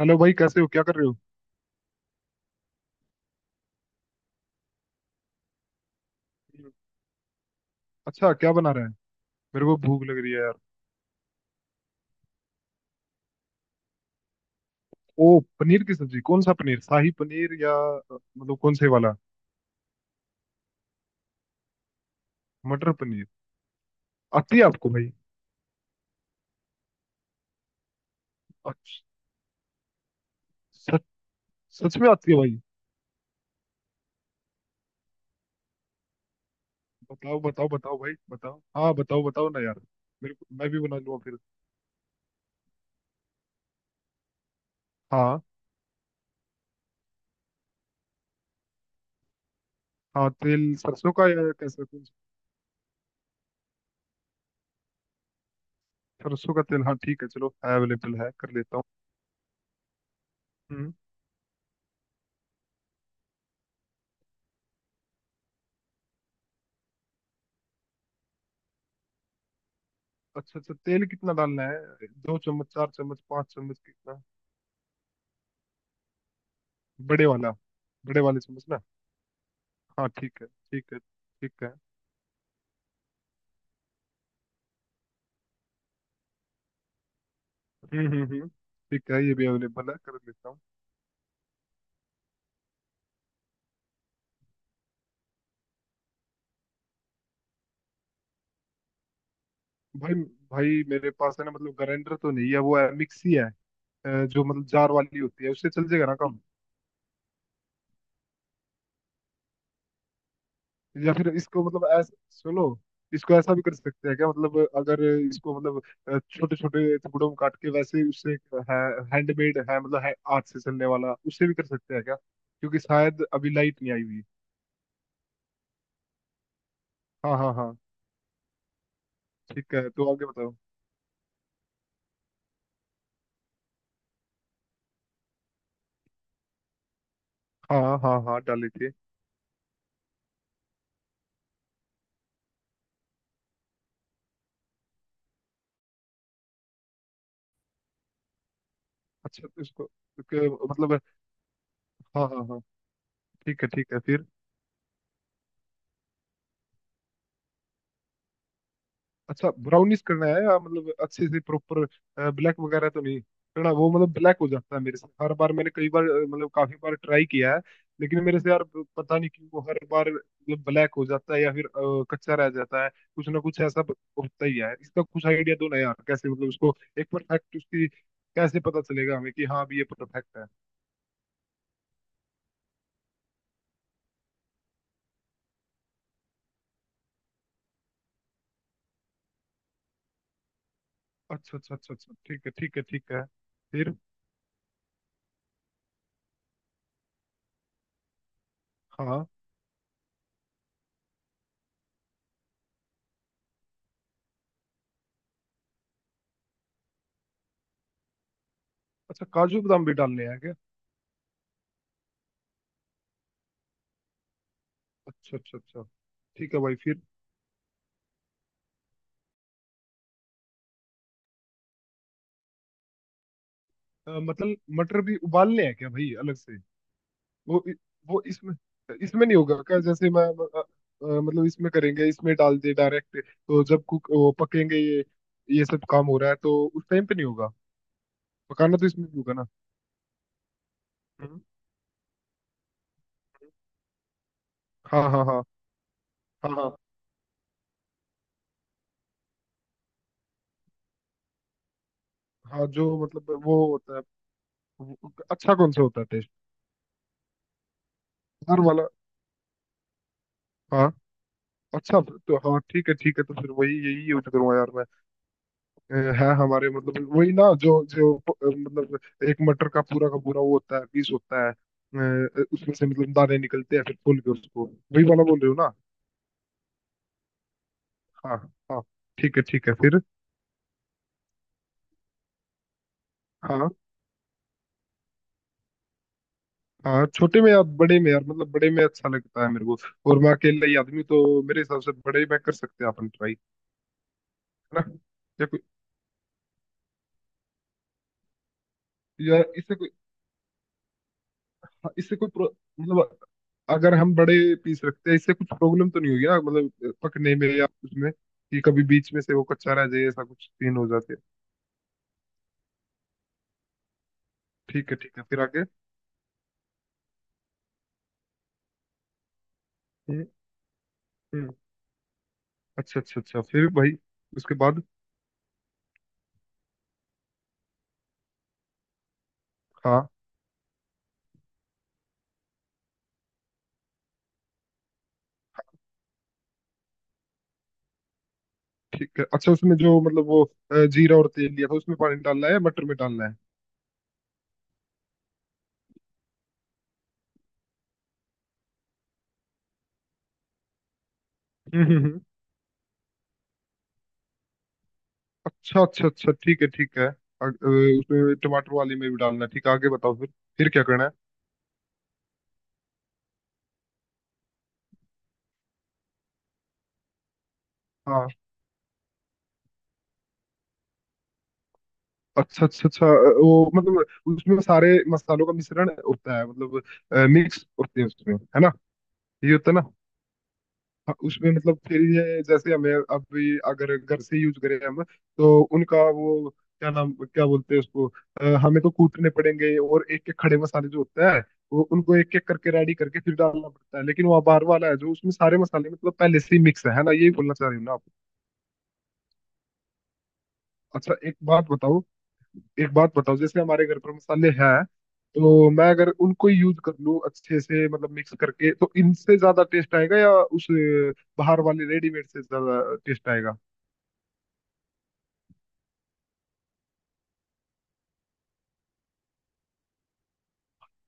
Hello भाई, कैसे हो? क्या कर रहे हो? अच्छा, क्या बना रहे हैं? मेरे को भूख लग रही है यार। ओ, पनीर की सब्जी। कौन सा पनीर? शाही पनीर या मतलब कौन से वाला? मटर पनीर। आती है आपको भाई? अच्छा, सच? सच में आती है भाई? बताओ बताओ बताओ भाई, बताओ, हाँ बताओ, बताओ ना यार। मेरे को, मैं भी बना लूंगा फिर। हाँ। हाँ, तेल सरसों का या कैसा? कौन सा? सरसों का तेल, हाँ ठीक है, चलो। अवेलेबल है, कर लेता हूँ। हम्म। अच्छा अच्छा, तेल कितना डालना है? 2 चम्मच, 4 चम्मच, 5 चम्मच, कितना? बड़े वाला। बड़े वाले चम्मच ना? हाँ, ठीक है ठीक है ठीक है। हम्म। ठीक है, ये भी अवेलेबल है, कर लेता हूँ। भाई। भाई मेरे पास है ना, मतलब ग्राइंडर तो नहीं है, वो है मिक्सी है। जो मतलब जार वाली होती है, उससे चल जाएगा ना काम? या फिर इसको मतलब ऐसा सुनो। इसको ऐसा भी कर सकते हैं क्या? मतलब अगर इसको मतलब छोटे छोटे टुकड़ों में काट के वैसे उससे। है। हैंडमेड है, मतलब है हाथ से चलने वाला, उससे भी कर सकते हैं क्या? क्योंकि शायद अभी लाइट नहीं आई हुई। हाँ हाँ हाँ। ठीक है तो आगे बताओ। हाँ हाँ हाँ, डाले थे। अच्छा, तो इसको। इसको मतलब। हाँ हाँ हाँ। ठीक है ठीक है, फिर? अच्छा, ब्राउनिश करना है या मतलब अच्छे से प्रॉपर? ब्लैक वगैरह तो नहीं करना? वो मतलब ब्लैक हो जाता है मेरे से हर बार। मैंने कई बार मतलब काफी बार ट्राई किया है। लेकिन मेरे से यार, पता नहीं क्यों वो हर बार मतलब ब्लैक हो जाता है या फिर कच्चा रह जाता है। कुछ ना कुछ ऐसा होता ही है। इसका कुछ आइडिया दो ना यार, कैसे मतलब उसको एक परफेक्ट, उसकी कैसे पता चलेगा हमें कि हाँ अभी ये परफेक्ट है। अच्छा अच्छा अच्छा अच्छा, ठीक है ठीक है ठीक है। फिर? हाँ। अच्छा, काजू बादाम भी डालने हैं क्या? अच्छा अच्छा अच्छा, ठीक है भाई, फिर? मतलब मटर भी उबालने हैं क्या भाई, अलग से? वो इ- वो इसमें इसमें नहीं होगा क्या, जैसे मैं मतलब इसमें करेंगे, इसमें डाल दे डायरेक्ट, तो जब कुक वो पकेंगे, ये सब काम हो रहा है तो उस टाइम पे नहीं होगा? पकाना तो इसमें भी होगा ना? हम्म। हाँ हाँ हाँ हाँ। हाँ हाँ। जो मतलब वो होता है। अच्छा, कौन सा होता है टेस्ट? हर वाला? हाँ। अच्छा। तो हाँ, ठीक है ठीक है, तो फिर वही यही यूज करूंगा यार मैं। अ, है हमारे मतलब वही ना, जो जो मतलब एक मटर का पूरा वो होता है, पीस होता है, उसमें से मतलब दाने निकलते हैं, फिर खोल के उसको, वही वाला बोल रहे हो ना? हाँ। हाँ। ठीक है ठीक है, फिर? हाँ। हाँ, छोटे में या बड़े में यार? मतलब बड़े में अच्छा लगता है मेरे को। और मैं अकेला ही आदमी हूँ, तो मेरे हिसाब से बड़े में कर सकते हैं अपन ट्राई। है ना? या कोई। या इससे कोई। हाँ, मतलब अगर हम बड़े पीस रखते हैं इससे कुछ प्रॉब्लम तो नहीं होगी ना, मतलब पकने में या उसमें कि कभी बीच में से वो कच्चा रह जाए, ऐसा कुछ सीन हो जाते हैं? ठीक है ठीक है, फिर आगे? हम्म हम्म, अच्छा अच्छा अच्छा, फिर भाई? उसके बाद? हाँ ठीक है। अच्छा, उसमें जो मतलब वो जीरा और तेल लिया था उसमें पानी डालना है या मटर में डालना है? हम्म हम्म हम्म, अच्छा अच्छा अच्छा, ठीक है ठीक है, उसमें टमाटर वाली में भी डालना है, ठीक है। आगे बताओ फिर। फिर क्या करना है? अच्छा अच्छा अच्छा, वो मतलब उसमें सारे मसालों का मिश्रण होता है, मतलब मिक्स होते हैं उसमें है ना? ये होता है ना? हाँ, उसमें मतलब फिर ये जैसे हमें अभी अगर घर से यूज करें हम तो उनका वो, क्या नाम, क्या बोलते हैं उसको, हमें तो कूटने पड़ेंगे, और एक एक खड़े मसाले जो होता है, वो उनको एक एक करके रेडी करके फिर डालना पड़ता है, लेकिन वो बाहर वाला है जो उसमें सारे मसाले मतलब पहले से ही मिक्स है ना? यही बोलना चाह रही हूँ ना आप? अच्छा, एक बात बताओ। एक बात बताओ, जैसे हमारे घर पर मसाले हैं। तो मैं अगर उनको ही यूज कर लूँ अच्छे से, मतलब मिक्स करके, तो इनसे ज्यादा टेस्ट आएगा या उस बाहर वाले रेडीमेड से ज्यादा टेस्ट आएगा?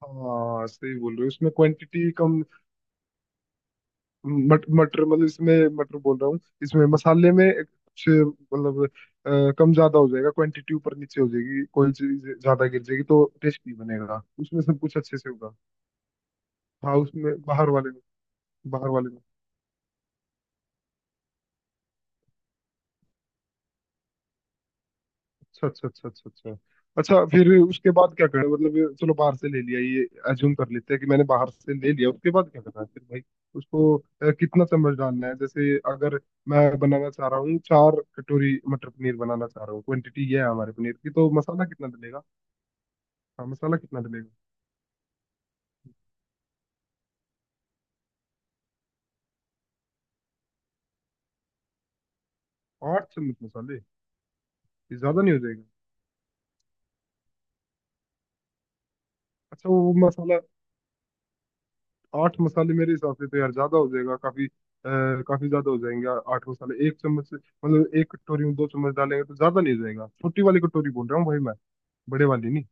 हाँ, सही बोल रहे हो, इसमें क्वांटिटी कम। मटर मतलब इसमें मटर बोल रहा हूँ, इसमें मसाले में एक कुछ मतलब कम ज्यादा हो जाएगा, क्वांटिटी ऊपर नीचे हो जाएगी, कोई चीज ज्यादा गिर जाएगी तो टेस्ट नहीं बनेगा, उसमें सब कुछ अच्छे से होगा? हाँ, उसमें बाहर वाले में। बाहर वाले में। अच्छा अच्छा अच्छा अच्छा अच्छा। अच्छा, फिर उसके बाद क्या करें? मतलब ये चलो, बाहर से ले लिया ये, अज्यूम कर लेते हैं कि मैंने बाहर से ले लिया, उसके बाद क्या करना है फिर भाई? उसको कितना चम्मच डालना है, जैसे अगर मैं बनाना चाह रहा हूँ 4 कटोरी मटर पनीर बनाना चाह रहा हूँ, क्वांटिटी ये है हमारे पनीर की, तो मसाला कितना डलेगा? हाँ मसाला कितना डलेगा? 8 चम्मच मसाले? ये ज्यादा नहीं हो जाएगा? अच्छा, वो मसाला। आठ मसाले मेरे हिसाब से तो यार ज्यादा हो जाएगा, काफी काफी ज्यादा हो जाएंगे। आठ मसाले 1 चम्मच से मतलब 1 कटोरी में 2 चम्मच डालेंगे तो ज्यादा नहीं हो जाएगा? छोटी वाली कटोरी बोल रहा हूँ भाई मैं। बड़े वाली नहीं।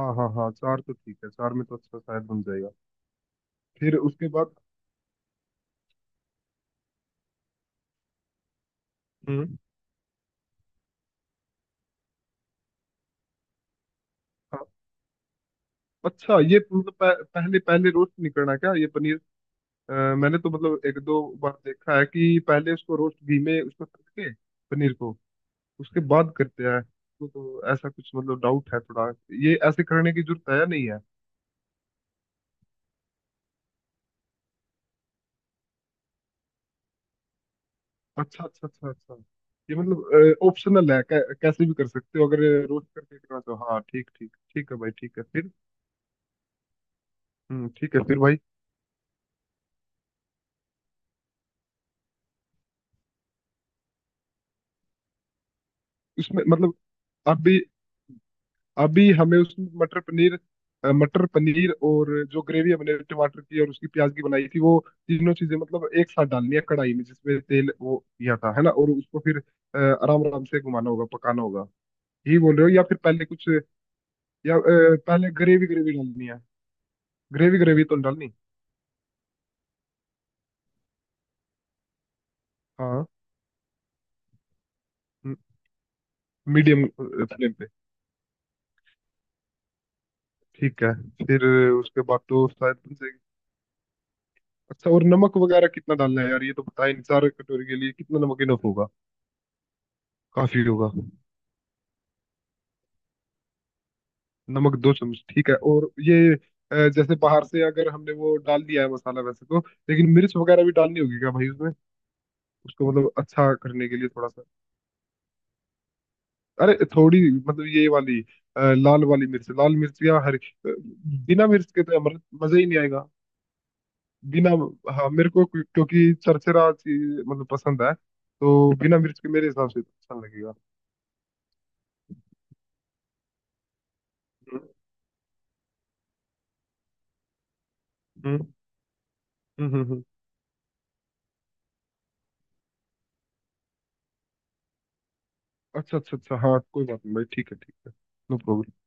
हाँ हाँ हाँ, चार तो ठीक है, चार में तो अच्छा शायद बन जाएगा। फिर उसके बाद? हम्म। हाँ। अच्छा ये तो मतलब पहले पहले रोस्ट नहीं करना क्या ये पनीर? अ, मैंने तो मतलब एक दो बार देखा है कि पहले उसको रोस्ट घी में उसको तल के, पनीर को, उसके बाद करते हैं, तो ऐसा कुछ मतलब डाउट है थोड़ा। ये ऐसे करने की जरूरत है या नहीं है? अच्छा अच्छा अच्छा अच्छा। ये मतलब ऑप्शनल है, कैसे भी कर सकते हो अगर रोस्ट करके करना तो, हाँ ठीक ठीक ठीक है भाई, ठीक है। फिर? हम्म, ठीक है। फिर भाई? उसमें मतलब, अभी अभी हमें उसमें मटर पनीर मटर पनीर और जो ग्रेवी हमने टमाटर की और उसकी प्याज की बनाई थी वो, तीनों चीजें मतलब एक साथ डालनी है कढ़ाई में जिसमें तेल वो किया था, है ना? और उसको फिर अ, आराम आराम से घुमाना होगा, पकाना होगा। यही बोल रहे हो या फिर पहले कुछ? या पहले ग्रेवी ग्रेवी डालनी है? ग्रेवी ग्रेवी तो नहीं डालनी? हाँ मीडियम फ्लेम पे। ठीक है। फिर? उसके बाद तो शायद बन जाएगी। अच्छा, और नमक वगैरह कितना डालना है यार? ये तो बताएं, 4 कटोरी के लिए कितना नमक इनफ होगा? काफी होगा? नमक 2 चम्मच ठीक है। और ये जैसे बाहर से अगर हमने वो डाल दिया है मसाला, वैसे तो लेकिन मिर्च वगैरह भी डालनी होगी क्या भाई उसमें? उसको मतलब अच्छा करने के लिए थोड़ा सा। अरे थोड़ी मतलब ये वाली, लाल वाली मिर्च, लाल मिर्च या हरी बिना मिर्च के तो अमृत मजा ही नहीं आएगा। बिना। हाँ मेरे को क्योंकि चरचरा चीज मतलब पसंद है, तो बिना मिर्च के मेरे हिसाब से तो अच्छा लगेगा। हम्म हम्म हम्म हम्म, हम्म। अच्छा अच्छा अच्छा, हाँ कोई बात नहीं भाई, ठीक है ठीक है। No problem.